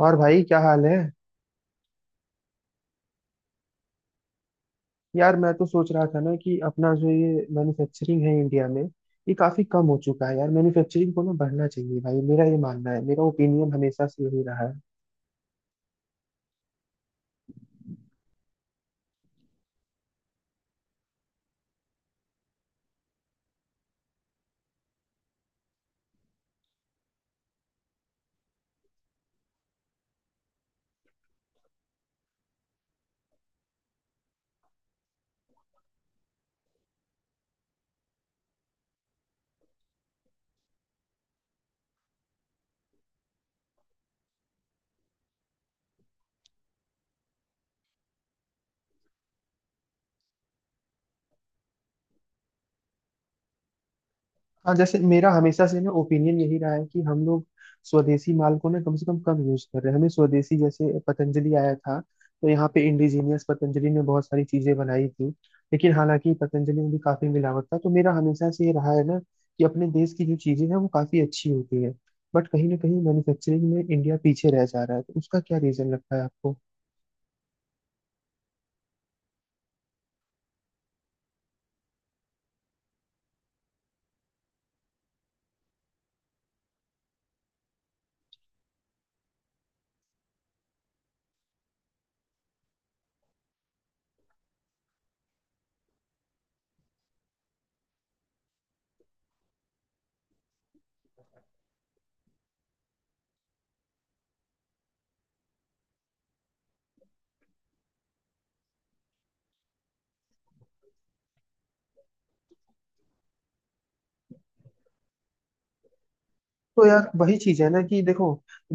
और भाई क्या हाल है। यार मैं तो सोच रहा था ना कि अपना जो ये मैन्युफैक्चरिंग है इंडिया में, ये काफी कम हो चुका है। यार मैन्युफैक्चरिंग को ना बढ़ना चाहिए भाई, मेरा ये मानना है, मेरा ओपिनियन हमेशा से यही रहा है। हाँ, जैसे मेरा हमेशा से ना ओपिनियन यही रहा है कि हम लोग स्वदेशी माल को ना कम से कम कम यूज कर रहे हैं। हमें स्वदेशी जैसे पतंजलि आया था तो यहाँ पे इंडिजीनियस पतंजलि ने बहुत सारी चीजें बनाई थी, लेकिन हालांकि पतंजलि में भी काफी मिलावट था। तो मेरा हमेशा से ये रहा है ना कि अपने देश की जो चीजें हैं वो काफी अच्छी होती है। बट कहीं ना कहीं मैन्युफैक्चरिंग में इंडिया पीछे रह जा रहा है, तो उसका क्या रीजन लगता है आपको। तो यार वही चीज है ना, कि देखो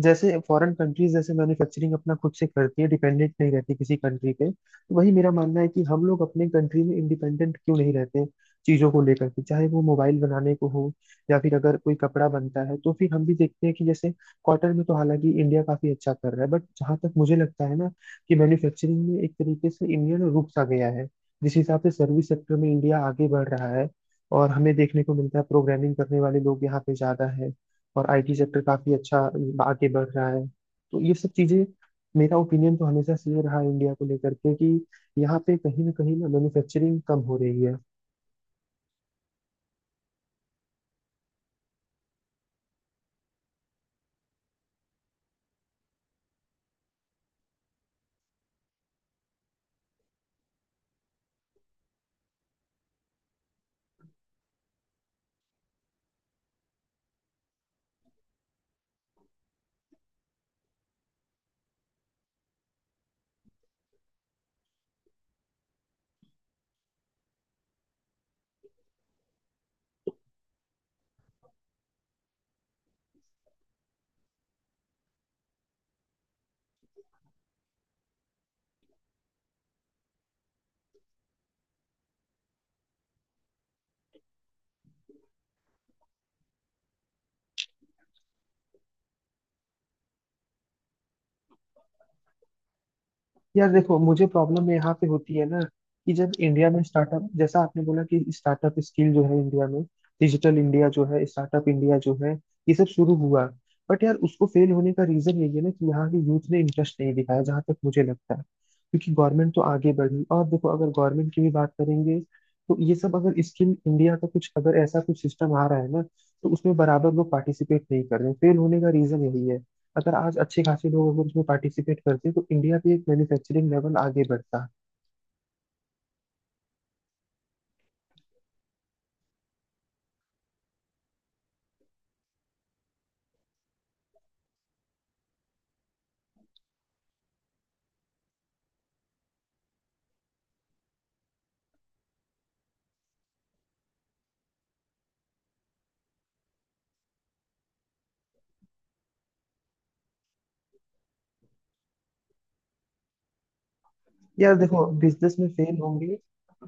जैसे फॉरेन कंट्रीज जैसे मैन्युफैक्चरिंग अपना खुद से करती है, डिपेंडेंट नहीं रहती किसी कंट्री पे, तो वही मेरा मानना है कि हम लोग अपने कंट्री में इंडिपेंडेंट क्यों नहीं रहते चीजों को लेकर के, चाहे वो मोबाइल बनाने को हो या फिर अगर कोई कपड़ा बनता है। तो फिर हम भी देखते हैं कि जैसे कॉटन में तो हालांकि इंडिया काफी अच्छा कर रहा है, बट जहां तक मुझे लगता है ना कि मैन्युफैक्चरिंग में एक तरीके से इंडिया ना रुक सा गया है। जिस हिसाब से सर्विस सेक्टर में इंडिया आगे बढ़ रहा है, और हमें देखने को मिलता है प्रोग्रामिंग करने वाले लोग यहाँ पे ज्यादा है, और आईटी सेक्टर काफी अच्छा आगे बढ़ रहा है। तो ये सब चीजें, मेरा ओपिनियन तो हमेशा से ये रहा इंडिया को लेकर के, कि यहाँ पे कहीं ना मैन्युफैक्चरिंग कम हो रही है। यार देखो, मुझे प्रॉब्लम यहाँ पे होती है ना कि जब इंडिया में स्टार्टअप, जैसा आपने बोला कि स्टार्टअप स्किल जो है इंडिया में, डिजिटल इंडिया जो है, स्टार्टअप इंडिया जो है, ये सब शुरू हुआ। बट यार उसको फेल होने का रीजन यही है ना कि यहाँ के यूथ ने इंटरेस्ट नहीं दिखाया, जहां तक मुझे लगता है। क्योंकि गवर्नमेंट तो आगे बढ़ी, और देखो अगर गवर्नमेंट की भी बात करेंगे, तो ये सब अगर स्किल इंडिया का कुछ, अगर ऐसा कुछ सिस्टम आ रहा है ना, तो उसमें बराबर लोग पार्टिसिपेट नहीं कर रहे हैं। फेल होने का रीजन यही है। अगर आज अच्छे खासे लोग अगर उसमें पार्टिसिपेट करते तो इंडिया भी एक मैन्युफैक्चरिंग लेवल आगे बढ़ता। यार देखो बिजनेस में फेल होंगे।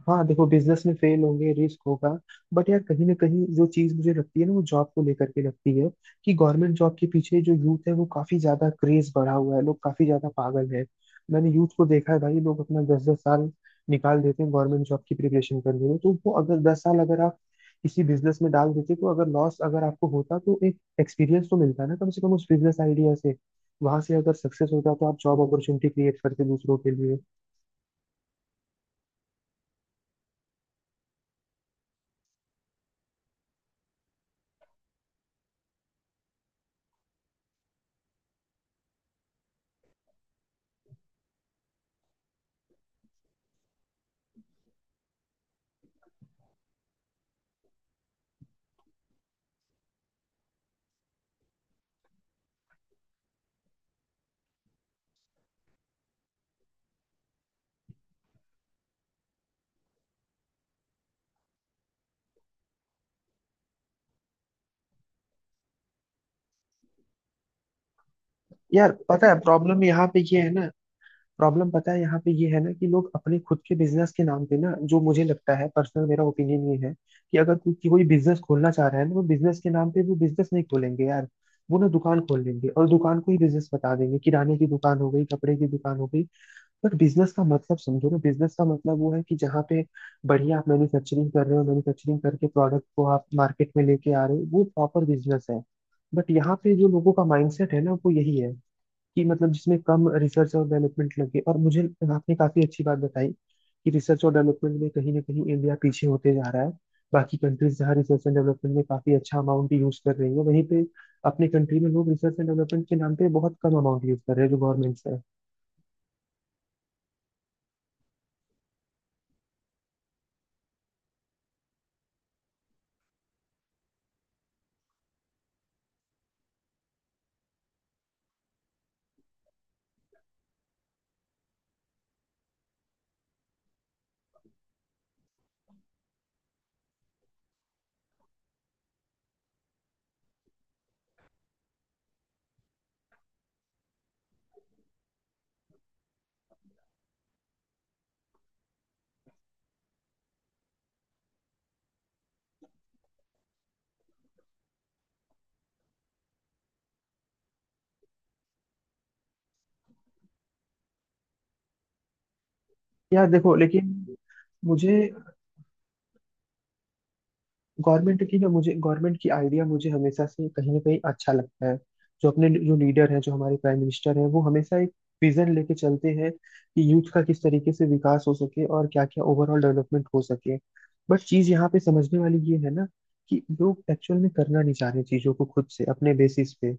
हाँ देखो, बिजनेस में फेल होंगे, रिस्क होगा, बट यार कहीं ना कहीं जो चीज मुझे लगती है ना वो जॉब को लेकर के लगती है। कि गवर्नमेंट जॉब के पीछे जो यूथ है वो काफी ज्यादा क्रेज बढ़ा हुआ है, लोग काफी ज्यादा पागल है। मैंने यूथ को देखा है भाई, लोग अपना 10 साल निकाल देते हैं गवर्नमेंट जॉब की प्रिपरेशन करने में। तो वो अगर 10 साल अगर आप किसी बिजनेस में डाल देते, तो अगर लॉस अगर आपको होता तो एक एक्सपीरियंस तो मिलता ना कम से कम उस बिजनेस आइडिया से। वहां से अगर सक्सेस होता तो आप जॉब अपॉर्चुनिटी क्रिएट करते दूसरों के लिए। यार पता है प्रॉब्लम यहाँ पे ये है ना, प्रॉब्लम पता है यहाँ पे ये है ना, कि लोग अपने खुद के बिजनेस के नाम पे ना, जो मुझे लगता है पर्सनल मेरा ओपिनियन ये है कि अगर कोई, कि कोई बिजनेस खोलना चाह रहा है ना, वो बिजनेस के नाम पे वो बिजनेस नहीं खोलेंगे यार। वो ना दुकान खोल लेंगे और दुकान को ही बिजनेस बता देंगे, किराने की दुकान हो गई, कपड़े की दुकान हो गई। बट बिजनेस का मतलब समझो ना, बिजनेस का मतलब वो है कि जहाँ पे बढ़िया आप मैन्युफैक्चरिंग कर रहे हो, मैन्युफैक्चरिंग करके प्रोडक्ट को आप मार्केट में लेके आ रहे हो, वो प्रॉपर बिजनेस है। बट यहाँ पे जो लोगों का माइंडसेट है ना वो यही है कि मतलब जिसमें कम रिसर्च और डेवलपमेंट लगे। और मुझे, आपने काफी अच्छी बात बताई कि रिसर्च और डेवलपमेंट में कहीं ना कहीं इंडिया पीछे होते जा रहा है। बाकी कंट्रीज जहाँ रिसर्च एंड डेवलपमेंट में काफी अच्छा अमाउंट यूज कर रही है, वहीं पे अपने कंट्री में लोग रिसर्च एंड डेवलपमेंट के नाम पे बहुत कम अमाउंट यूज कर रहे हैं जो गवर्नमेंट से है। यार देखो लेकिन मुझे मुझे गवर्नमेंट की आइडिया मुझे हमेशा से कहीं ना कहीं अच्छा लगता है। जो अपने जो लीडर हैं, जो हमारे प्राइम मिनिस्टर हैं, वो हमेशा एक विजन लेके चलते हैं कि यूथ का किस तरीके से विकास हो सके और क्या क्या ओवरऑल डेवलपमेंट हो सके। बट चीज यहाँ पे समझने वाली ये है ना कि लोग एक्चुअल में करना नहीं चाह रहे चीजों को खुद से अपने बेसिस पे।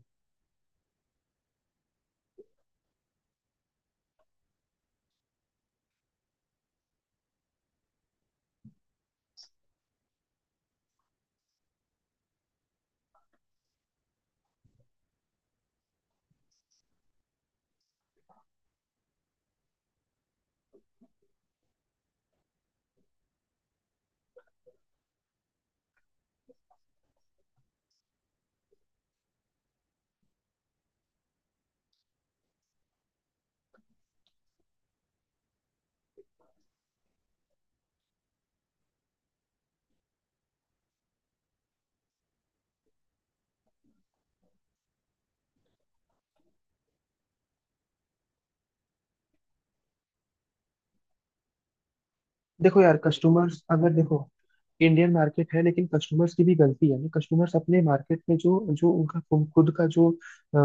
देखो यार, कस्टमर्स अगर देखो, इंडियन मार्केट है लेकिन कस्टमर्स की भी गलती है ना। कस्टमर्स अपने मार्केट में जो जो उनका खुद का जो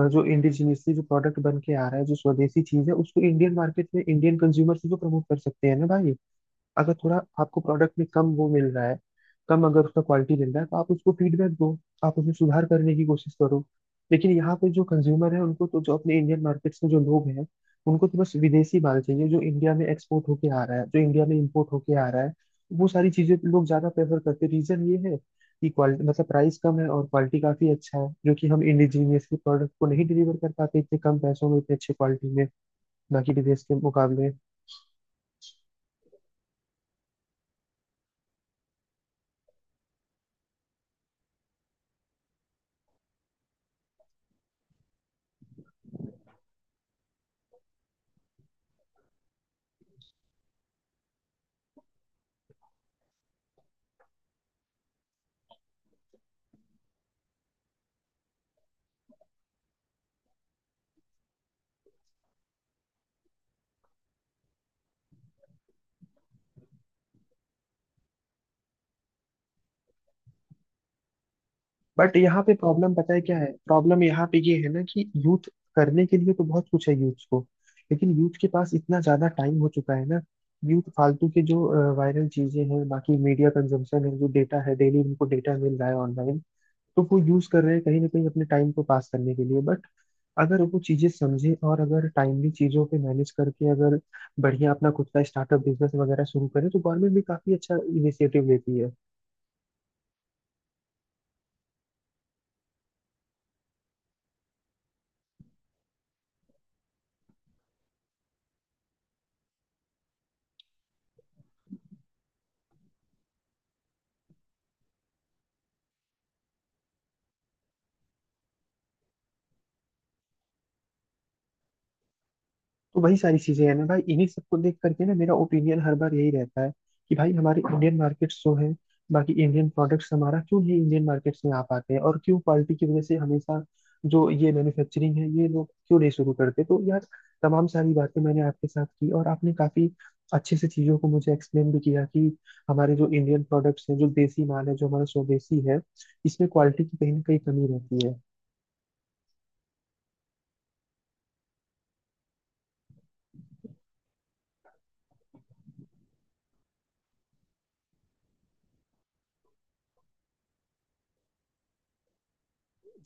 जो इंडिजिनियसली जो प्रोडक्ट बन के आ रहा है, जो स्वदेशी चीज है, उसको इंडियन मार्केट में इंडियन कंज्यूमर से जो प्रमोट कर सकते हैं ना भाई। अगर थोड़ा आपको प्रोडक्ट में कम वो मिल रहा है, कम अगर उसका क्वालिटी मिल रहा है, तो आप उसको फीडबैक दो, आप उसमें सुधार करने की कोशिश करो। लेकिन यहाँ पे जो कंज्यूमर है उनको तो, जो अपने इंडियन मार्केट्स में जो लोग हैं, उनको तो बस विदेशी माल चाहिए, जो इंडिया में एक्सपोर्ट होके आ रहा है, जो इंडिया में इम्पोर्ट होके आ रहा है, वो सारी चीजें लोग ज्यादा प्रेफर करते हैं। रीजन ये है कि क्वालिटी, मतलब प्राइस कम है और क्वालिटी काफी अच्छा है, जो कि हम इंडिजीनियस के प्रोडक्ट को नहीं डिलीवर कर पाते इतने कम पैसों में, इतने अच्छे क्वालिटी में, बाकी विदेश के मुकाबले। बट यहाँ पे प्रॉब्लम पता है क्या है, प्रॉब्लम यहाँ पे ये है ना कि यूथ करने के लिए तो बहुत कुछ है यूथ को, लेकिन यूथ के पास इतना ज्यादा टाइम हो चुका है ना। यूथ फालतू के जो वायरल चीजें हैं, बाकी मीडिया कंजम्पशन है, जो डेटा है डेली उनको डेटा मिल रहा है ऑनलाइन, तो वो यूज कर रहे हैं कहीं ना कहीं अपने टाइम को पास करने के लिए। बट अगर वो चीजें समझे और अगर टाइमली चीजों पे मैनेज करके अगर बढ़िया अपना खुद का स्टार्टअप बिजनेस वगैरह शुरू करे, तो गवर्नमेंट भी काफी अच्छा इनिशिएटिव लेती है। तो वही सारी चीजें हैं ना भाई, इन्हीं सबको देख करके ना मेरा ओपिनियन हर बार यही रहता है कि भाई हमारे इंडियन मार्केट्स जो है, बाकी इंडियन प्रोडक्ट्स हमारा क्यों नहीं इंडियन मार्केट्स में आ पाते हैं, और क्यों क्वालिटी की वजह से हमेशा जो ये मैन्युफैक्चरिंग है ये लोग क्यों नहीं शुरू करते। तो यार तमाम सारी बातें मैंने आपके साथ की, और आपने काफी अच्छे से चीजों को मुझे एक्सप्लेन भी किया कि हमारे जो इंडियन प्रोडक्ट्स हैं, जो देसी माल है, जो हमारा स्वदेशी है, इसमें क्वालिटी की कहीं ना कहीं कमी रहती है।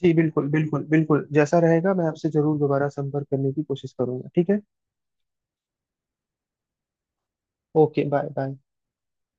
जी बिल्कुल, बिल्कुल, बिल्कुल जैसा रहेगा मैं आपसे जरूर दोबारा संपर्क करने की कोशिश करूंगा, ठीक है। Okay, bye bye.